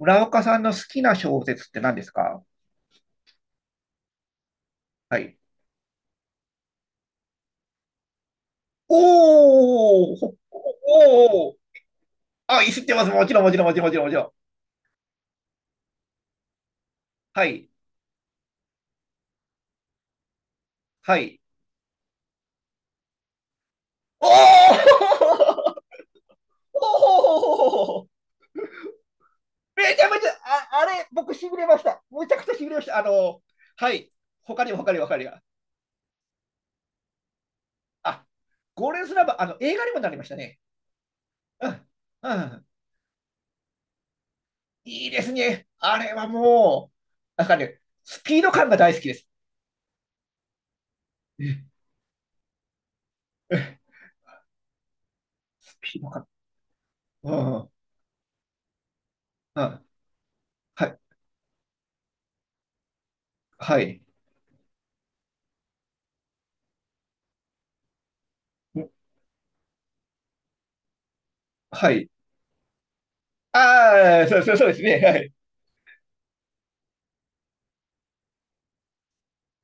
村岡さんの好きな小説って何ですか？はい。おー、ほおー、あ、いってます。もちろん、もちろん、もちろん、もちろん、もちろん。はい、はい。おー、おー、めちゃめちゃ、あ、あれ、僕、しびれました。むちゃくちゃしびれました。はい。他にも、他にも、他にも。あ、ゴールデンスラバー、映画にもなりましたね。うん、うん。いいですね。あれはもう、なんかね、スピード感が大好きです。うん、うん、スピード感。うん。あ、はい、はい、ん、はい。ああ、そう、そう、そうですね。はい。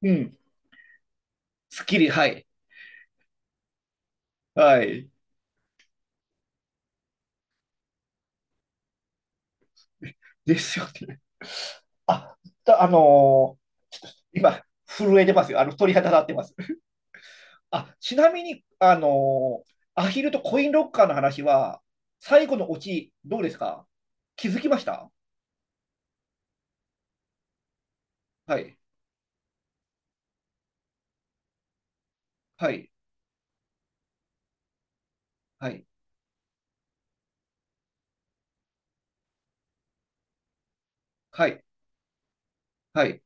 うん。スッキリ、はい。はい。ですよね。あ、だ、ー今、震えてますよ。鳥肌立ってます。あ、ちなみに、アヒルとコインロッカーの話は、最後のオチ、どうですか？気づきました？はい、はい、はい、はい、はい、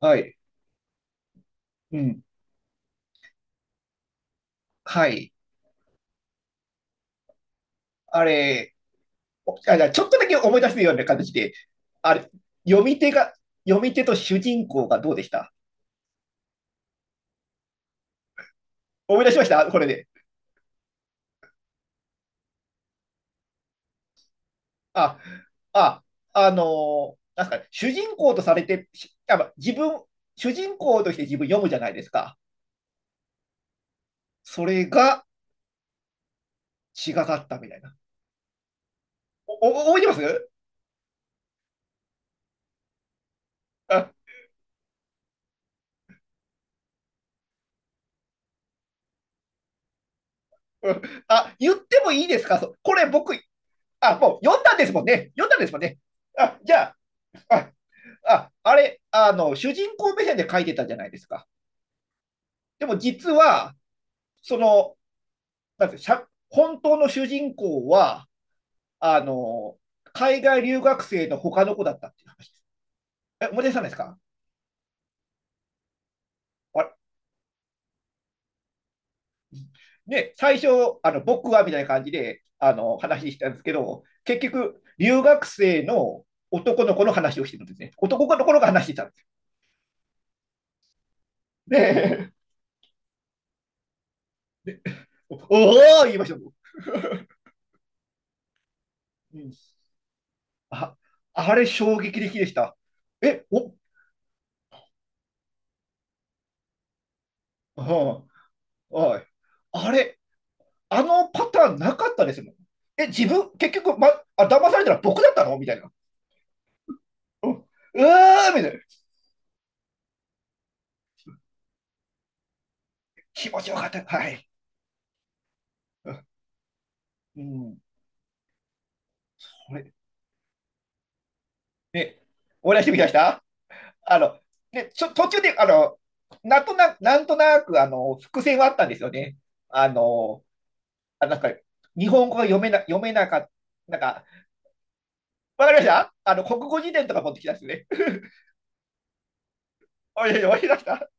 はい、うん、はい。あれ、あ、じゃちょっとだけ思い出すような形で、あれ、読み手が、読み手と主人公がどうでした？思い出しましたこれで。あ、あ、なんすかね、主人公とされて、しあま自分、主人公として自分読むじゃないですか。それが違かったみたいな。おお、覚えてます？あ、うん、あ、言ってもいいですかそ、これ僕、あ、もう読んだんですもんね。読んだんですもんね。あ、じゃあ、あ、あ、あれ、主人公目線で書いてたじゃないですか。でも実は、その、なんてしゃ本当の主人公は、あの、海外留学生の他の子だったっていう話です。え、思い出さないですか？あれね、最初、あの、僕はみたいな感じで、あの、話したんですけど、結局、留学生の男の子の話をしてるんですね。男の子のが話してたんです。ね、 おおー、言いました？うん、あ、あれ衝撃的でした。え、お、はい。あれ、あのパターンなかったですもん。え、自分、結局、ま、あ、騙されたら僕だったのみたいな。うん、うーんみたいな。気持ちよかった。はい。うん、これ、ね、思い出してみました？あの、ね、途中で、なんとなく、なんとなく、伏線はあったんですよね。あの、なんか、日本語が読めなかった、なんか、わかりました、あの、国語辞典とか持ってきたんですね。思い出した、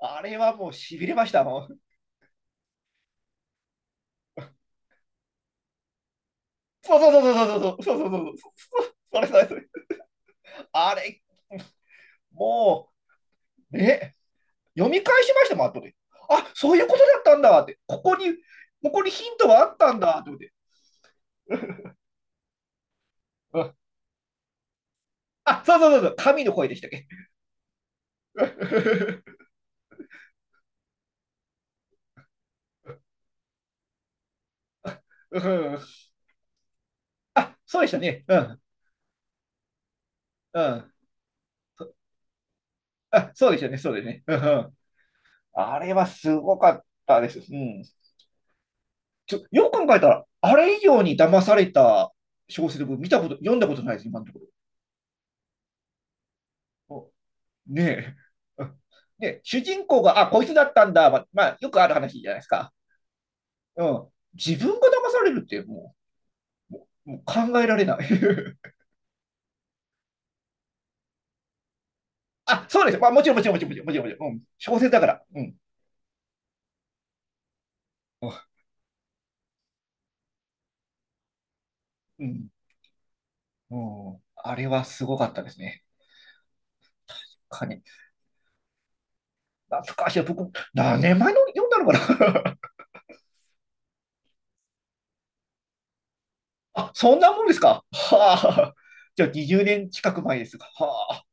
あれはもう痺れましたもん。そう、そう、そう、そう、そう、そう、そう、そう、そう、それ、それ、それ、あれもうね、読み返しましたもん後で。あ、そういうことだったんだって、ここに、ここにヒントがあったんだって思って、うん、あ、そう、そう、そう、そう、神の声でしたっけ？ うん、あ、そうでしたね、うん、うん、あ、そうでしたね、そうですね、うん、うん、あれはすごかったです、うん、よく考えたらあれ以上に騙された小説、僕見たこと読んだことないです今のところ。ねえ。うん、で、主人公が、あ、こいつだったんだ、ま、まあ、よくある話じゃないですか。うん。自分が騙されるって、もう、もう、もう考えられない。あ、そうです。まあ、もちろん、もちろん、もちろん、もちろん、もちろん、もちろん、うん。小説だから。うん。うん。うん。あれはすごかったですね。かに。懐かしい。僕、何年前の読んだのかな。 あ、そんなもんですか。はあ。じゃあ、20年近く前ですが。は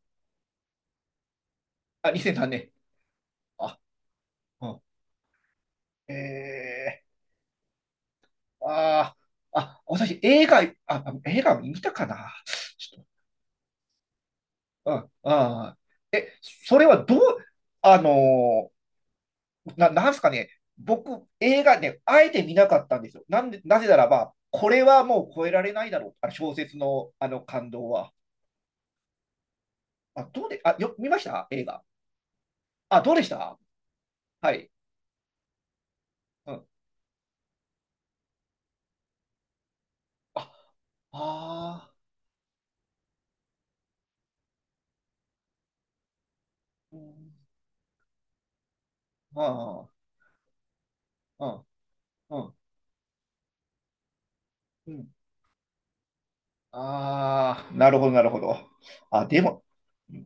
あ。あ、2003年。あ、うん。ええ、ああ、あ、私、映画、あ、映画見たかな。ちょっと、うん、ああ。え、それはどう、あのな、なんすかね、僕、映画ね、あえて見なかったんですよ。なんで、なぜならば、これはもう超えられないだろう。あの小説の、あの感動は。あ、どうで、あ、よ、見ました映画。あ、どうでした？はい。うん。あ、ああ、うん、ああ、うん、うん、うん。ああ、なるほど、なるほど。あ、でも、うん、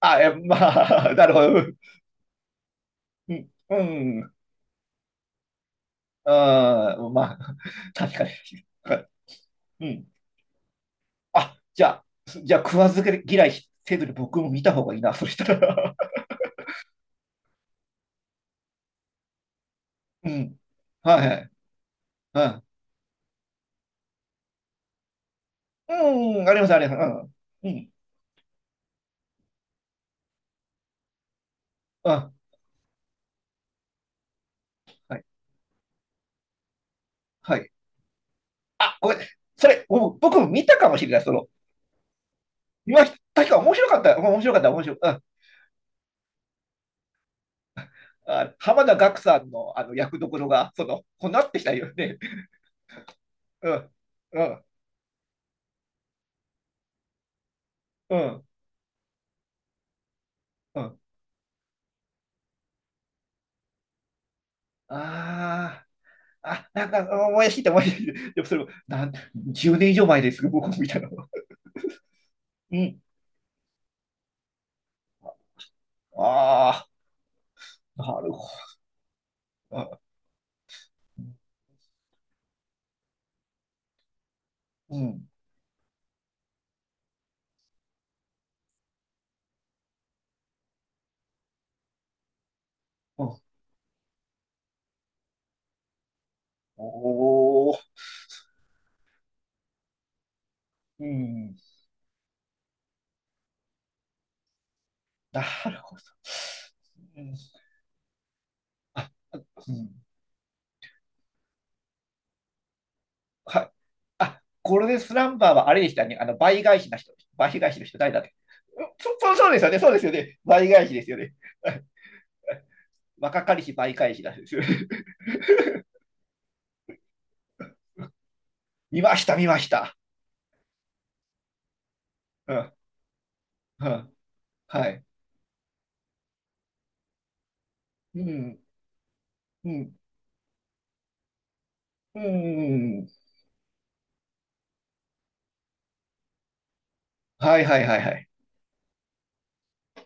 あ、え、まあ、なるほど。うん、うん、あー、まあ、確かに。はい、うん。あ、じゃあ、す、じゃあ食わず嫌いせずに僕も見た方がいいな、そしたら。うん。はい、はい。はい。うん、あります、あります。うん。うん。あ、はい。はい。あ、ごめん。それ、もう僕も見たかもしれない。その、今、確か面白かった。面白かった、面白かった。うん、あ、浜田岳さんの、あの役どころが、その、こうなってきたよね。うん、うん、うん、うん。ああ、あ、なんか思い出してきた、思い出してきた。でもそれも、なん、10年以上前です僕も見たの。うん。ああ、なるほど。あ、うん。うん、おお、うん。なるほど。うん。あ、あ、うん。はい。あ、これでスランバーはあれでしたね。あの、倍返しな人。倍返しの人、誰だっけ？うん、そ、そう、そうですよね。そうですよね。倍返しですよね。若かりし倍返しなんですよね。見ました、見ました。うん。うん。はい。うん、うん、うん、うん。はい、はい、はい、はい。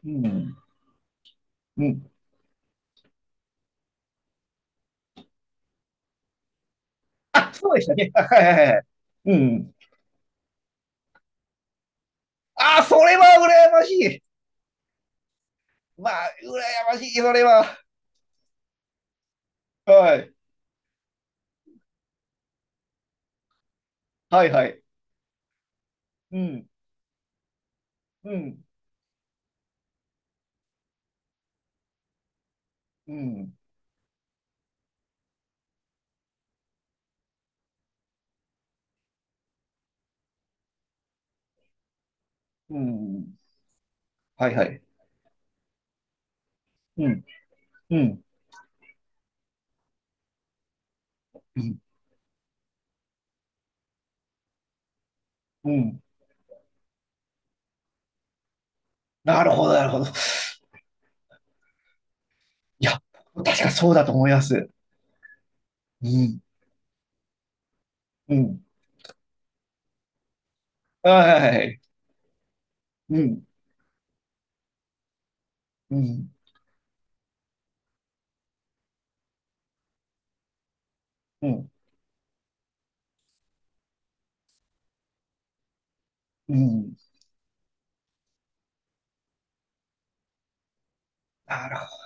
うん、うん。あ、そうでしたね。はい、はい、はい、はい。うん。あ、それは羨ましい。まあ、羨ましい、それは。はい。はい、はい。うん、うん、うん、うん。はい、はい。うん、うん、うん、うん。なるほど、なるほど。いや、確かそうだと思います。うん、うん。はい、はい、はい。うん、うん、うん、うん。なるほど